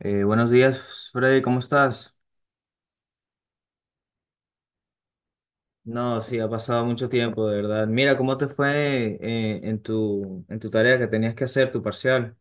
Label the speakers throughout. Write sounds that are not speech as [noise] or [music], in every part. Speaker 1: Buenos días, Freddy, ¿cómo estás? No, sí, ha pasado mucho tiempo, de verdad. Mira, ¿cómo te fue en tu tarea que tenías que hacer, tu parcial?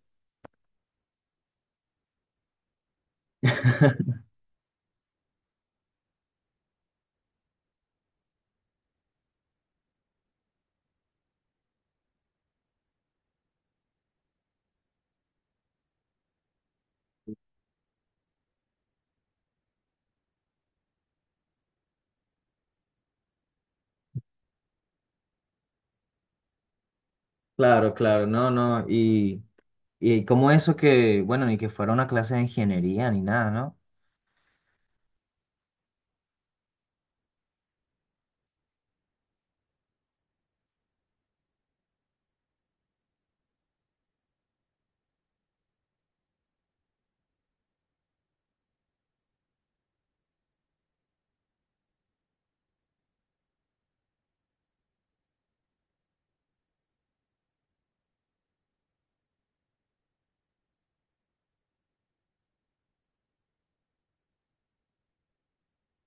Speaker 1: Claro, claro, no, no. Y como eso que, bueno, ni que fuera una clase de ingeniería ni nada, ¿no?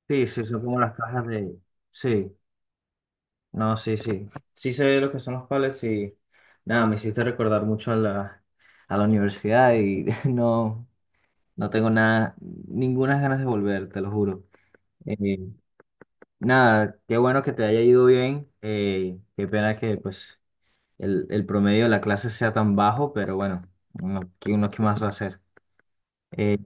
Speaker 1: Sí, sí, son como las cajas de... Sí, no, sí, sí. Sí sé lo que son los pallets y nada, me hiciste recordar mucho a la universidad y [laughs] no, no tengo nada, ninguna ganas de volver, te lo juro. Eh, Nada, qué bueno que te haya ido bien. Qué pena que pues el promedio de la clase sea tan bajo, pero bueno, uno qué más va a hacer? Eh,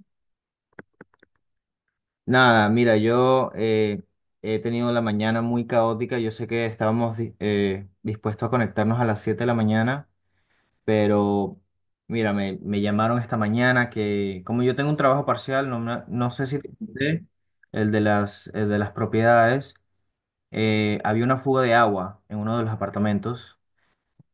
Speaker 1: nada, mira, yo he tenido la mañana muy caótica. Yo sé que estábamos dispuestos a conectarnos a las 7 de la mañana, pero mira, me llamaron esta mañana que como yo tengo un trabajo parcial, no, no sé si te conté, el de las propiedades. Había una fuga de agua en uno de los apartamentos.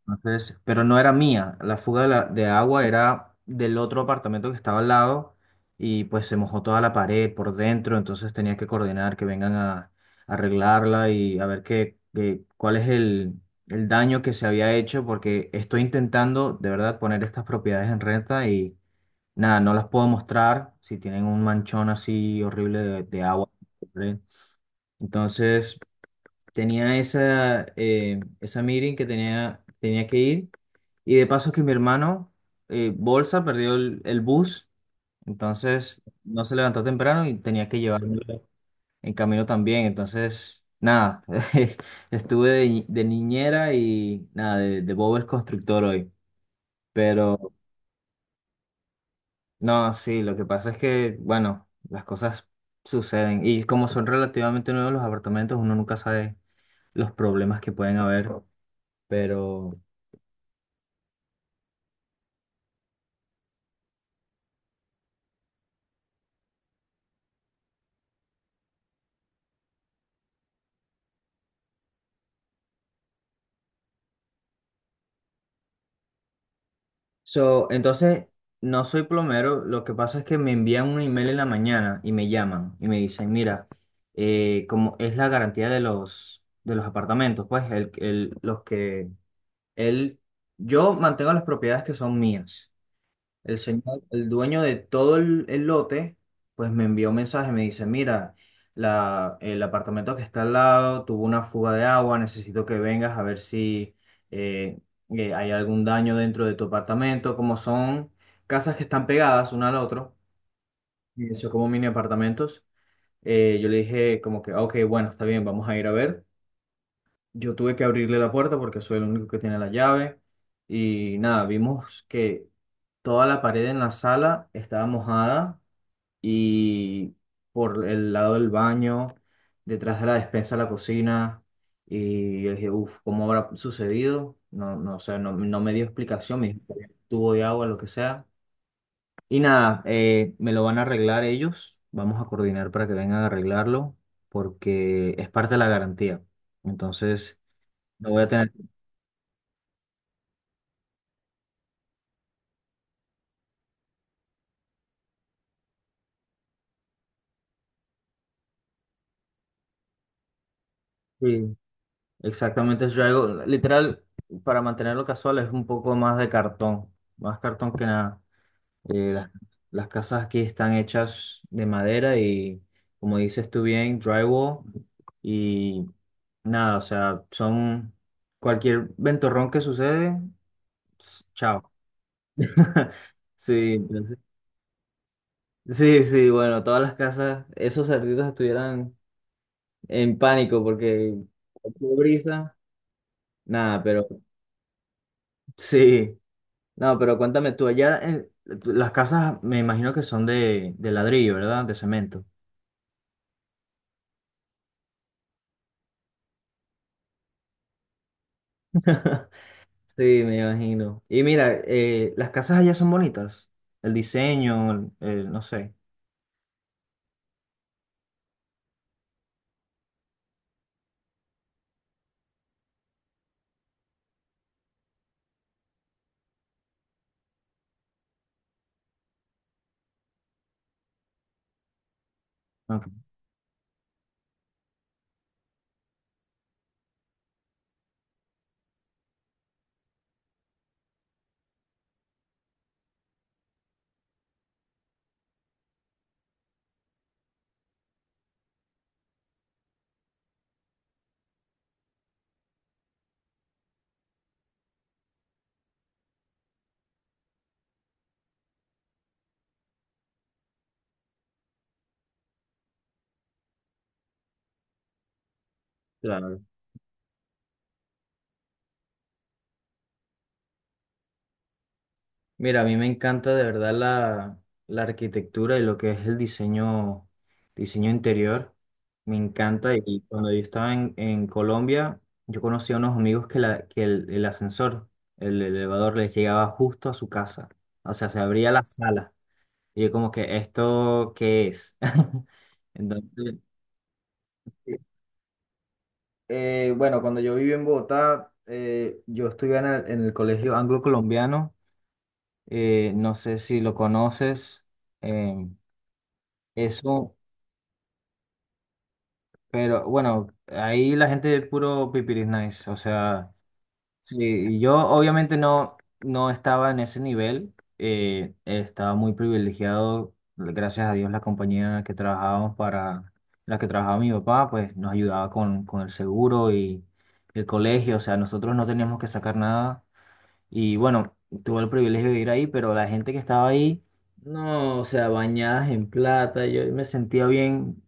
Speaker 1: Entonces, pero no era mía, la fuga de, la- de agua era del otro apartamento que estaba al lado y pues se mojó toda la pared por dentro, entonces tenía que coordinar que vengan a arreglarla y a ver cuál es el daño que se había hecho porque estoy intentando de verdad poner estas propiedades en renta y nada, no las puedo mostrar si tienen un manchón así horrible de agua. ¿Vale? Entonces tenía esa, esa meeting que tenía, tenía que ir. Y de paso que mi hermano, Bolsa, perdió el bus, entonces no se levantó temprano y tenía que llevarlo en camino también. Entonces, nada, [laughs] estuve de, de niñera y nada, de Bob el constructor hoy. Pero no, sí, lo que pasa es que, bueno, las cosas suceden. Y como son relativamente nuevos los apartamentos, uno nunca sabe los problemas que pueden haber. Pero so, entonces, no soy plomero, lo que pasa es que me envían un email en la mañana y me llaman y me dicen, mira, como es la garantía de los apartamentos, pues los que él, yo mantengo las propiedades que son mías. El señor, el dueño de todo el lote, pues me envió un mensaje, me dice, mira, el apartamento que está al lado tuvo una fuga de agua, necesito que vengas a ver si eh, hay algún daño dentro de tu apartamento, como son casas que están pegadas una al otro, y son como mini apartamentos. Yo le dije como que, "Ah, ok, bueno, está bien, vamos a ir a ver". Yo tuve que abrirle la puerta porque soy el único que tiene la llave. Y nada, vimos que toda la pared en la sala estaba mojada y por el lado del baño, detrás de la despensa, la cocina. Y yo dije, uff, ¿cómo habrá sucedido? No, no sé, no, no me dio explicación, me dijo que había un tubo de agua, lo que sea. Y nada, me lo van a arreglar ellos. Vamos a coordinar para que vengan a arreglarlo porque es parte de la garantía. Entonces... No voy a tener. Sí, exactamente. Yo hago, literal, para mantenerlo casual es un poco más de cartón, más cartón que nada. Eh, las, las casas aquí están hechas de madera y, como dices tú bien, drywall y nada, o sea, son cualquier ventorrón que sucede, chao. [laughs] Sí, entonces sí, sí, bueno, todas las casas, esos cerditos estuvieran en pánico porque cualquier brisa, nada, pero sí. No, pero cuéntame tú, allá en las casas me imagino que son de ladrillo, ¿verdad? De cemento. [laughs] Sí, me imagino. Y mira, las casas allá son bonitas. El diseño, no sé. Ok. Claro. Mira, a mí me encanta de verdad la, la arquitectura y lo que es el diseño, diseño interior. Me encanta y cuando yo estaba en Colombia, yo conocí a unos amigos que, que el ascensor, el elevador les llegaba justo a su casa. O sea, se abría la sala. Y yo como que, ¿esto qué es? [laughs] Entonces, bueno, cuando yo viví en Bogotá, yo estudié en el colegio anglo-colombiano. No sé si lo conoces. em, Eso, pero bueno, ahí la gente es puro pipiris nice, o sea, sí, y yo obviamente no, no estaba en ese nivel, estaba muy privilegiado, gracias a Dios la compañía en la que trabajábamos para, la que trabajaba mi papá, pues nos ayudaba con el seguro y el colegio, o sea, nosotros no teníamos que sacar nada y bueno, tuve el privilegio de ir ahí, pero la gente que estaba ahí, no, o sea, bañadas en plata, yo me sentía bien,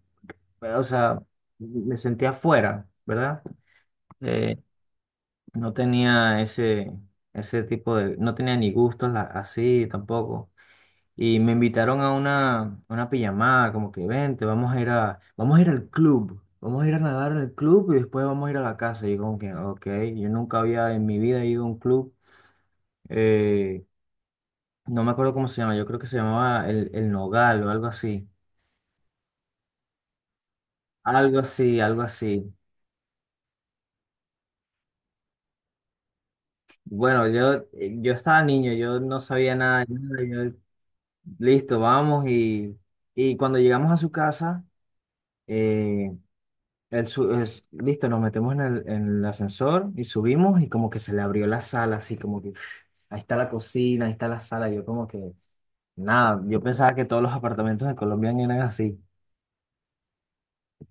Speaker 1: o sea, me sentía afuera, ¿verdad? Eh, no tenía ese, ese tipo de, no tenía ni gustos así tampoco. Y me invitaron a una pijamada, como que vente, vamos a ir a, vamos a ir al club, vamos a ir a nadar en el club y después vamos a ir a la casa. Y yo como que, ok, yo nunca había en mi vida ido a un club, eh, no me acuerdo cómo se llama, yo creo que se llamaba el Nogal o algo así, algo así, algo así. Bueno, yo, yo estaba niño, yo no sabía nada, de nada, yo, listo, vamos y cuando llegamos a su casa, eh, listo, nos metemos en el ascensor y subimos y como que se le abrió la sala, así como que [sniffs] "Uf, ahí está la cocina, ahí está la sala", yo como que nada, yo pensaba que todos los apartamentos de Colombia eran así,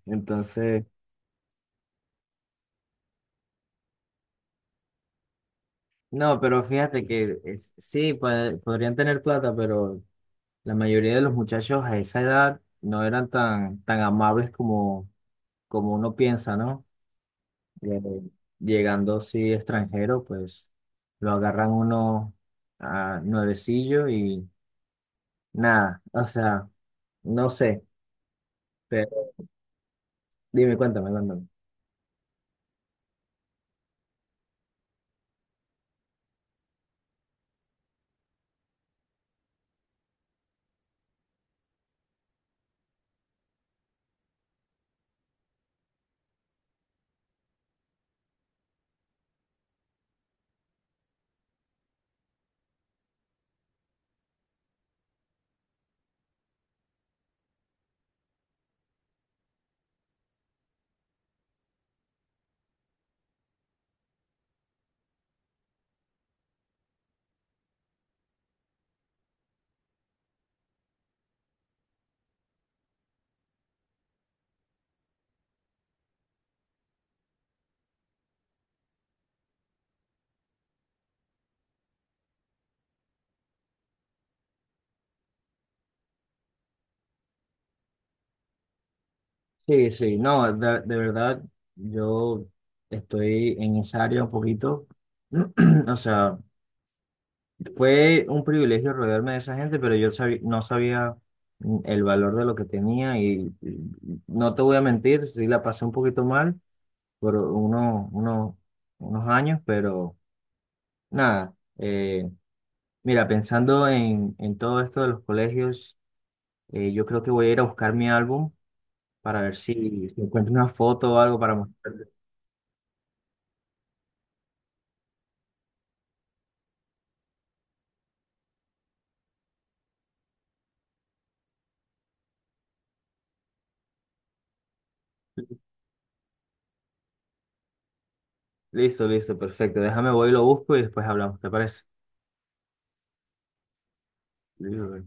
Speaker 1: entonces, no, pero fíjate que sí, podrían tener plata, pero... La mayoría de los muchachos a esa edad no eran tan, tan amables como, como uno piensa, ¿no? Eh, Llegando, sí, extranjero, pues lo agarran uno a nuevecillo y nada, o sea, no sé, pero dime, cuéntame, cuéntame. Sí, sí, no, de verdad, yo estoy en esa área un poquito, [clears throat] o sea, fue un privilegio rodearme de esa gente, pero yo no sabía el valor de lo que tenía y no te voy a mentir, sí la pasé un poquito mal por unos años, pero nada, mira, pensando en todo esto de los colegios, yo creo que voy a ir a buscar mi álbum para ver si, si encuentro una foto o algo para mostrarte. Listo, listo, perfecto. Déjame, voy y lo busco y después hablamos, ¿te parece? Listo.